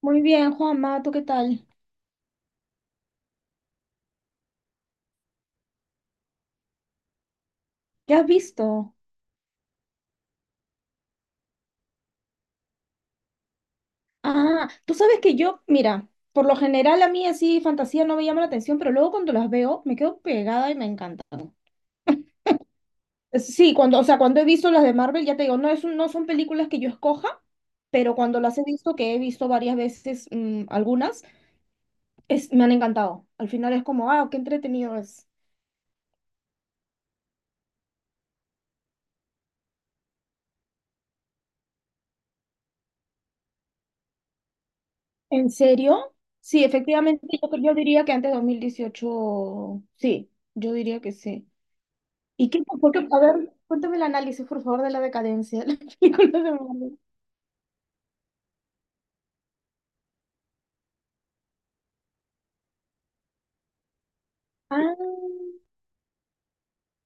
Muy bien, Juanma, ¿tú qué tal? ¿Qué has visto? Ah, tú sabes que yo, mira, por lo general a mí así fantasía no me llama la atención, pero luego cuando las veo me quedo pegada y me encantan. Sí, cuando, o sea, cuando he visto las de Marvel, ya te digo, no es, no son películas que yo escoja, pero cuando las he visto, que he visto varias veces, algunas, es, me han encantado. Al final es como, ah, qué entretenido es. ¿En serio? Sí, efectivamente, yo diría que antes de 2018 sí, yo diría que sí. ¿Y qué? ¿Por qué? A ver, cuéntame el análisis, por favor, de la decadencia de la película de Marvel. Ah,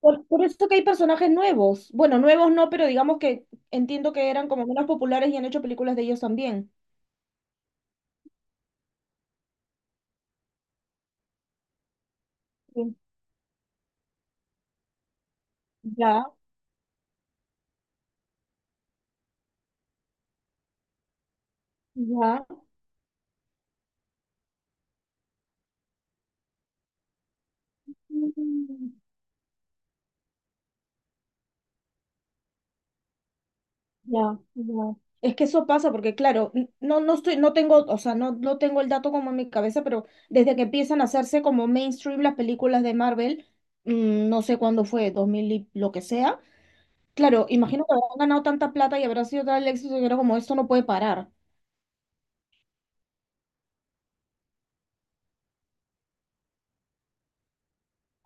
por eso que hay personajes nuevos. Bueno, nuevos no, pero digamos que entiendo que eran como menos populares y han hecho películas de ellos también. Sí. Ya, ya. Mm. Ya, ya. Es que eso pasa porque, claro, no estoy, no tengo, o sea, no tengo el dato como en mi cabeza, pero desde que empiezan a hacerse como mainstream las películas de Marvel, no sé cuándo fue, 2000 y lo que sea. Claro, imagino que habrán ganado tanta plata y habrá sido tal el éxito que era como esto no puede parar.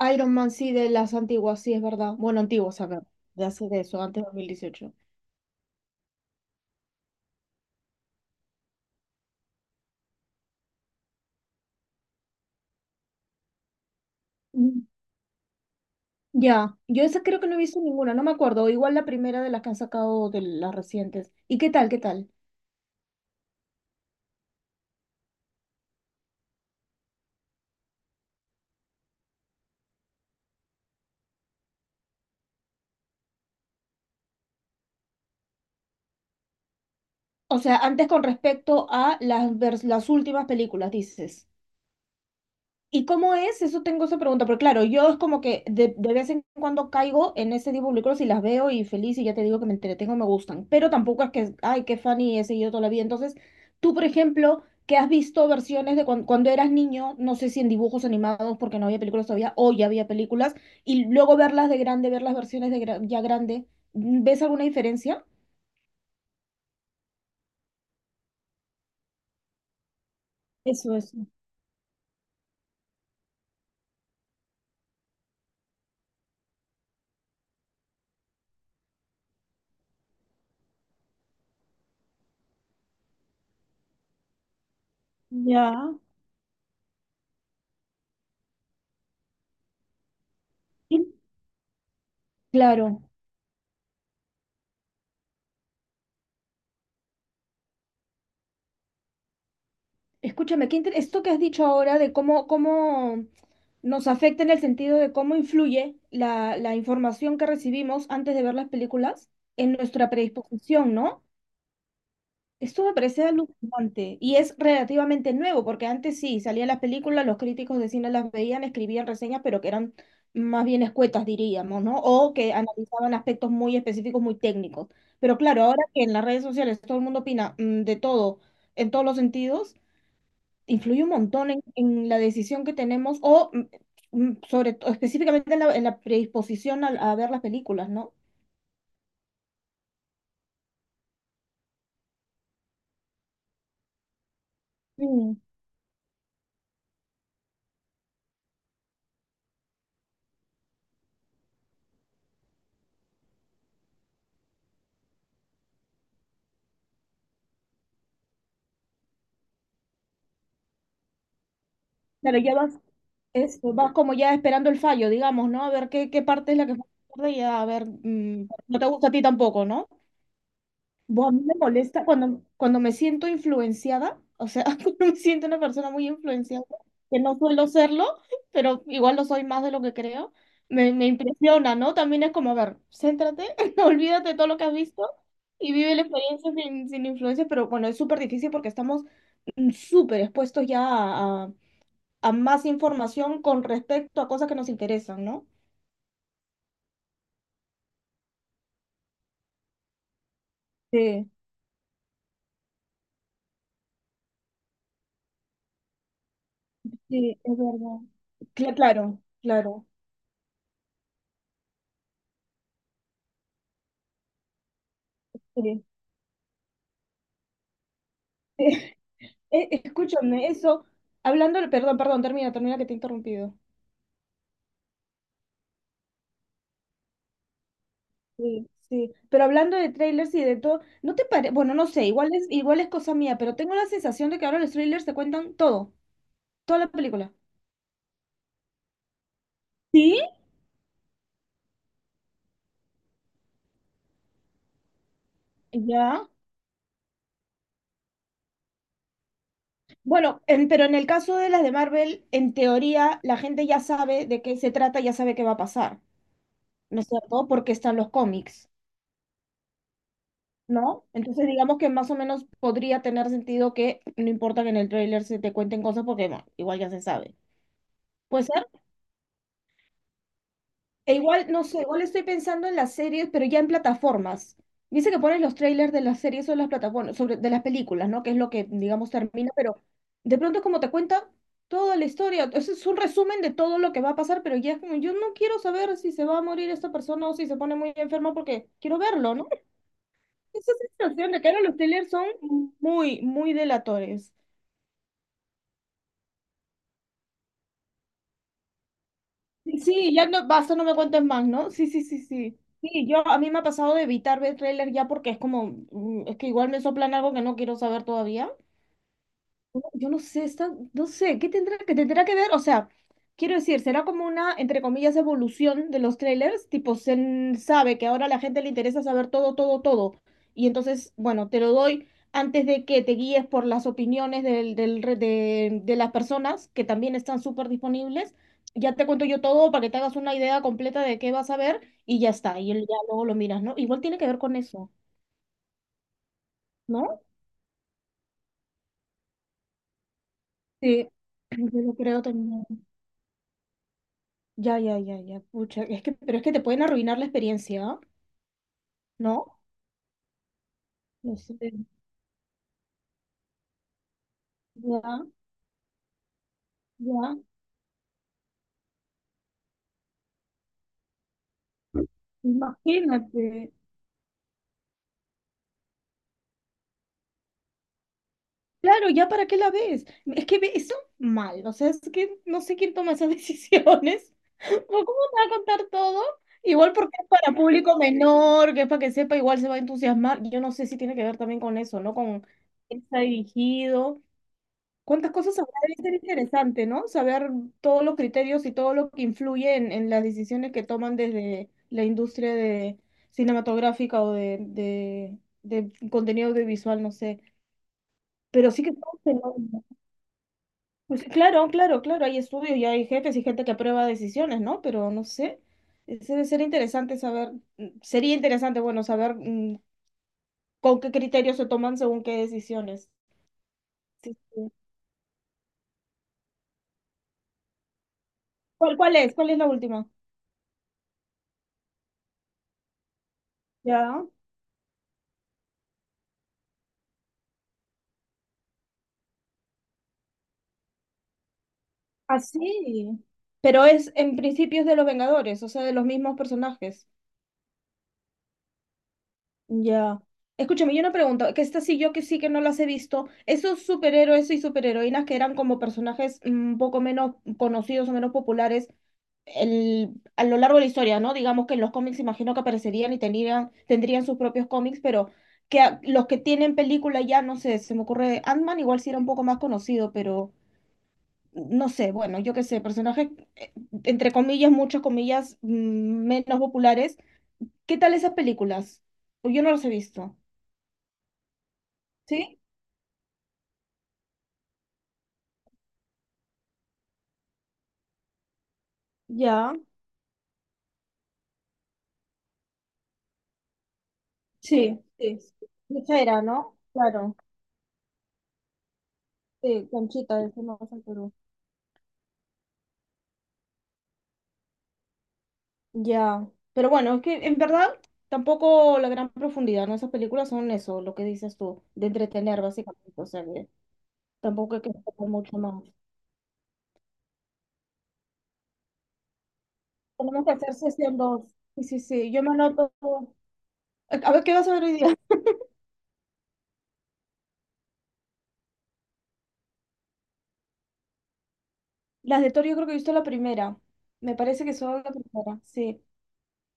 Iron Man sí, de las antiguas, sí, es verdad. Bueno, antiguas, a ver, de hace de eso, antes de 2018. Mm. Ya. Yo esa creo que no he visto ninguna, no me acuerdo. Igual la primera de las que han sacado de las recientes. ¿Y qué tal, qué tal? O sea, antes con respecto a las últimas películas, dices. ¿Y cómo es? Eso tengo esa pregunta, pero claro, yo es como que de vez en cuando caigo en ese tipo de películas y las veo y feliz y ya te digo que me entretengo, me gustan, pero tampoco es que, ay, qué funny he seguido toda la vida. Entonces, tú, por ejemplo, que has visto versiones de cuando, eras niño, no sé si en dibujos animados porque no había películas todavía, o ya había películas, y luego verlas de grande, ver las versiones de ya grande, ¿ves alguna diferencia? Eso, eso. Ya. Sí. Claro. Escúchame, qué esto que has dicho ahora de cómo, cómo nos afecta en el sentido de cómo influye la información que recibimos antes de ver las películas en nuestra predisposición, ¿no? Esto me parece alucinante y es relativamente nuevo, porque antes sí, salían las películas, los críticos de cine las veían, escribían reseñas, pero que eran más bien escuetas, diríamos, ¿no? O que analizaban aspectos muy específicos, muy técnicos. Pero claro, ahora que en las redes sociales todo el mundo opina de todo, en todos los sentidos influye un montón en la decisión que tenemos o sobre todo específicamente en en la predisposición a ver las películas, ¿no? Mm. Claro, ya vas, eso, vas como ya esperando el fallo, digamos, ¿no? A ver qué, qué parte es la que falla y a ver, no te gusta a ti tampoco, no. Buah, a mí me molesta cuando, cuando me siento influenciada, o sea, cuando me siento una persona muy influenciada, que no suelo serlo, pero igual lo soy más de lo que creo, me impresiona, ¿no? También es como, a ver, céntrate, olvídate de todo lo que has visto y vive la experiencia sin, sin influencia, pero bueno, es súper difícil porque estamos súper expuestos ya a más información con respecto a cosas que nos interesan, ¿no? Sí, sí, es verdad. Claro, claro. Sí. Escúchame, eso, hablando, perdón, perdón, termina, termina que te he interrumpido. Sí, sí, pero hablando de trailers y de todo, ¿no te parece? Bueno, no sé, igual es cosa mía, pero tengo la sensación de que ahora los trailers te cuentan todo, toda la película. Sí, ya. Bueno, pero en el caso de las de Marvel, en teoría, la gente ya sabe de qué se trata, ya sabe qué va a pasar, ¿no es cierto? Porque están los cómics, ¿no? Entonces, digamos que más o menos podría tener sentido que no importa que en el tráiler se te cuenten cosas porque, bueno, igual ya se sabe. Puede ser. E igual, no sé, igual estoy pensando en las series, pero ya en plataformas. Dice que pones los trailers de las series o de las plataformas, sobre, de las películas, ¿no? Que es lo que, digamos, termina, pero de pronto es como te cuenta toda la historia. Ese es un resumen de todo lo que va a pasar, pero ya es como, yo no quiero saber si se va a morir esta persona o si se pone muy enferma porque quiero verlo, ¿no? Esa sensación de que ahora los trailers son muy, muy delatores. Sí, sí, ya no, basta, no me cuentes más, ¿no? Sí, sí, sí, sí. Sí, yo a mí me ha pasado de evitar ver tráiler ya porque es como, es que igual me soplan algo que no quiero saber todavía. Yo no sé, está, no sé, ¿qué tendrá que ver? O sea, quiero decir, será como una, entre comillas, evolución de los trailers, tipo, sabe que ahora a la gente le interesa saber todo, todo, todo. Y entonces, bueno, te lo doy antes de que te guíes por las opiniones de las personas que también están súper disponibles. Ya te cuento yo todo para que te hagas una idea completa de qué vas a ver y ya está. Ya luego lo miras, ¿no? Igual tiene que ver con eso, ¿no? Sí, yo lo creo también. Ya, ya, ya, ya, pucha, es que, pero es que te pueden arruinar la experiencia, ¿ah? ¿No? No sé, ya, ya, imagínate. Claro, ya para qué la ves. Es que eso mal, o sea, es que no sé quién toma esas decisiones. ¿O ¿cómo te va a contar todo? Igual porque es para público menor, que es para que sepa, igual se va a entusiasmar. Yo no sé si tiene que ver también con eso, ¿no? Con quién está dirigido. ¿Cuántas cosas habrá? Debe ser interesante, ¿no? Saber todos los criterios y todo lo que influye en las decisiones que toman desde la industria de cinematográfica o de contenido audiovisual, no sé. Pero sí que todo se pues, sí, claro, hay estudios y hay jefes y gente que aprueba decisiones, ¿no? Pero no sé. Ese debe ser interesante saber, sería interesante, bueno, saber con qué criterios se toman según qué decisiones. Sí, sí. ¿Cuál, cuál es? ¿Cuál es la última? Ya. Así. Pero es en principios de los Vengadores, o sea, de los mismos personajes. Ya. Escúchame, yo una pregunta, que esta sí yo que sí que no las he visto. Esos superhéroes y superheroínas que eran como personajes un poco menos conocidos o menos populares el, a lo largo de la historia, ¿no? Digamos que en los cómics imagino que aparecerían y tenían, tendrían sus propios cómics, pero que los que tienen película ya, no sé, se me ocurre Ant-Man igual sí era un poco más conocido, pero no sé, bueno, yo qué sé, personajes, eh, entre comillas, muchas comillas, menos populares. ¿Qué tal esas películas? Pues yo no las he visto. ¿Sí? Ya. Sí, sí. Mucha era, ¿no? Claro, sí, Conchita, eso no pasa en Perú. Ya, pero bueno, es que en verdad tampoco la gran profundidad, ¿no? Esas películas son eso, lo que dices tú, de entretener básicamente, o sea, que tampoco hay que sacar mucho más. Tenemos que hacer sesión dos. Sí, sí, sí, yo me anoto. A ver, ¿qué vas a ver hoy día? Las de Thor yo creo que he visto la primera. Me parece que solo la primera. Sí.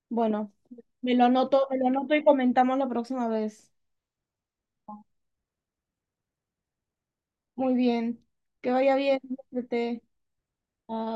Bueno, me lo anoto y comentamos la próxima vez. Muy bien. Que vaya bien. Cuídate. Te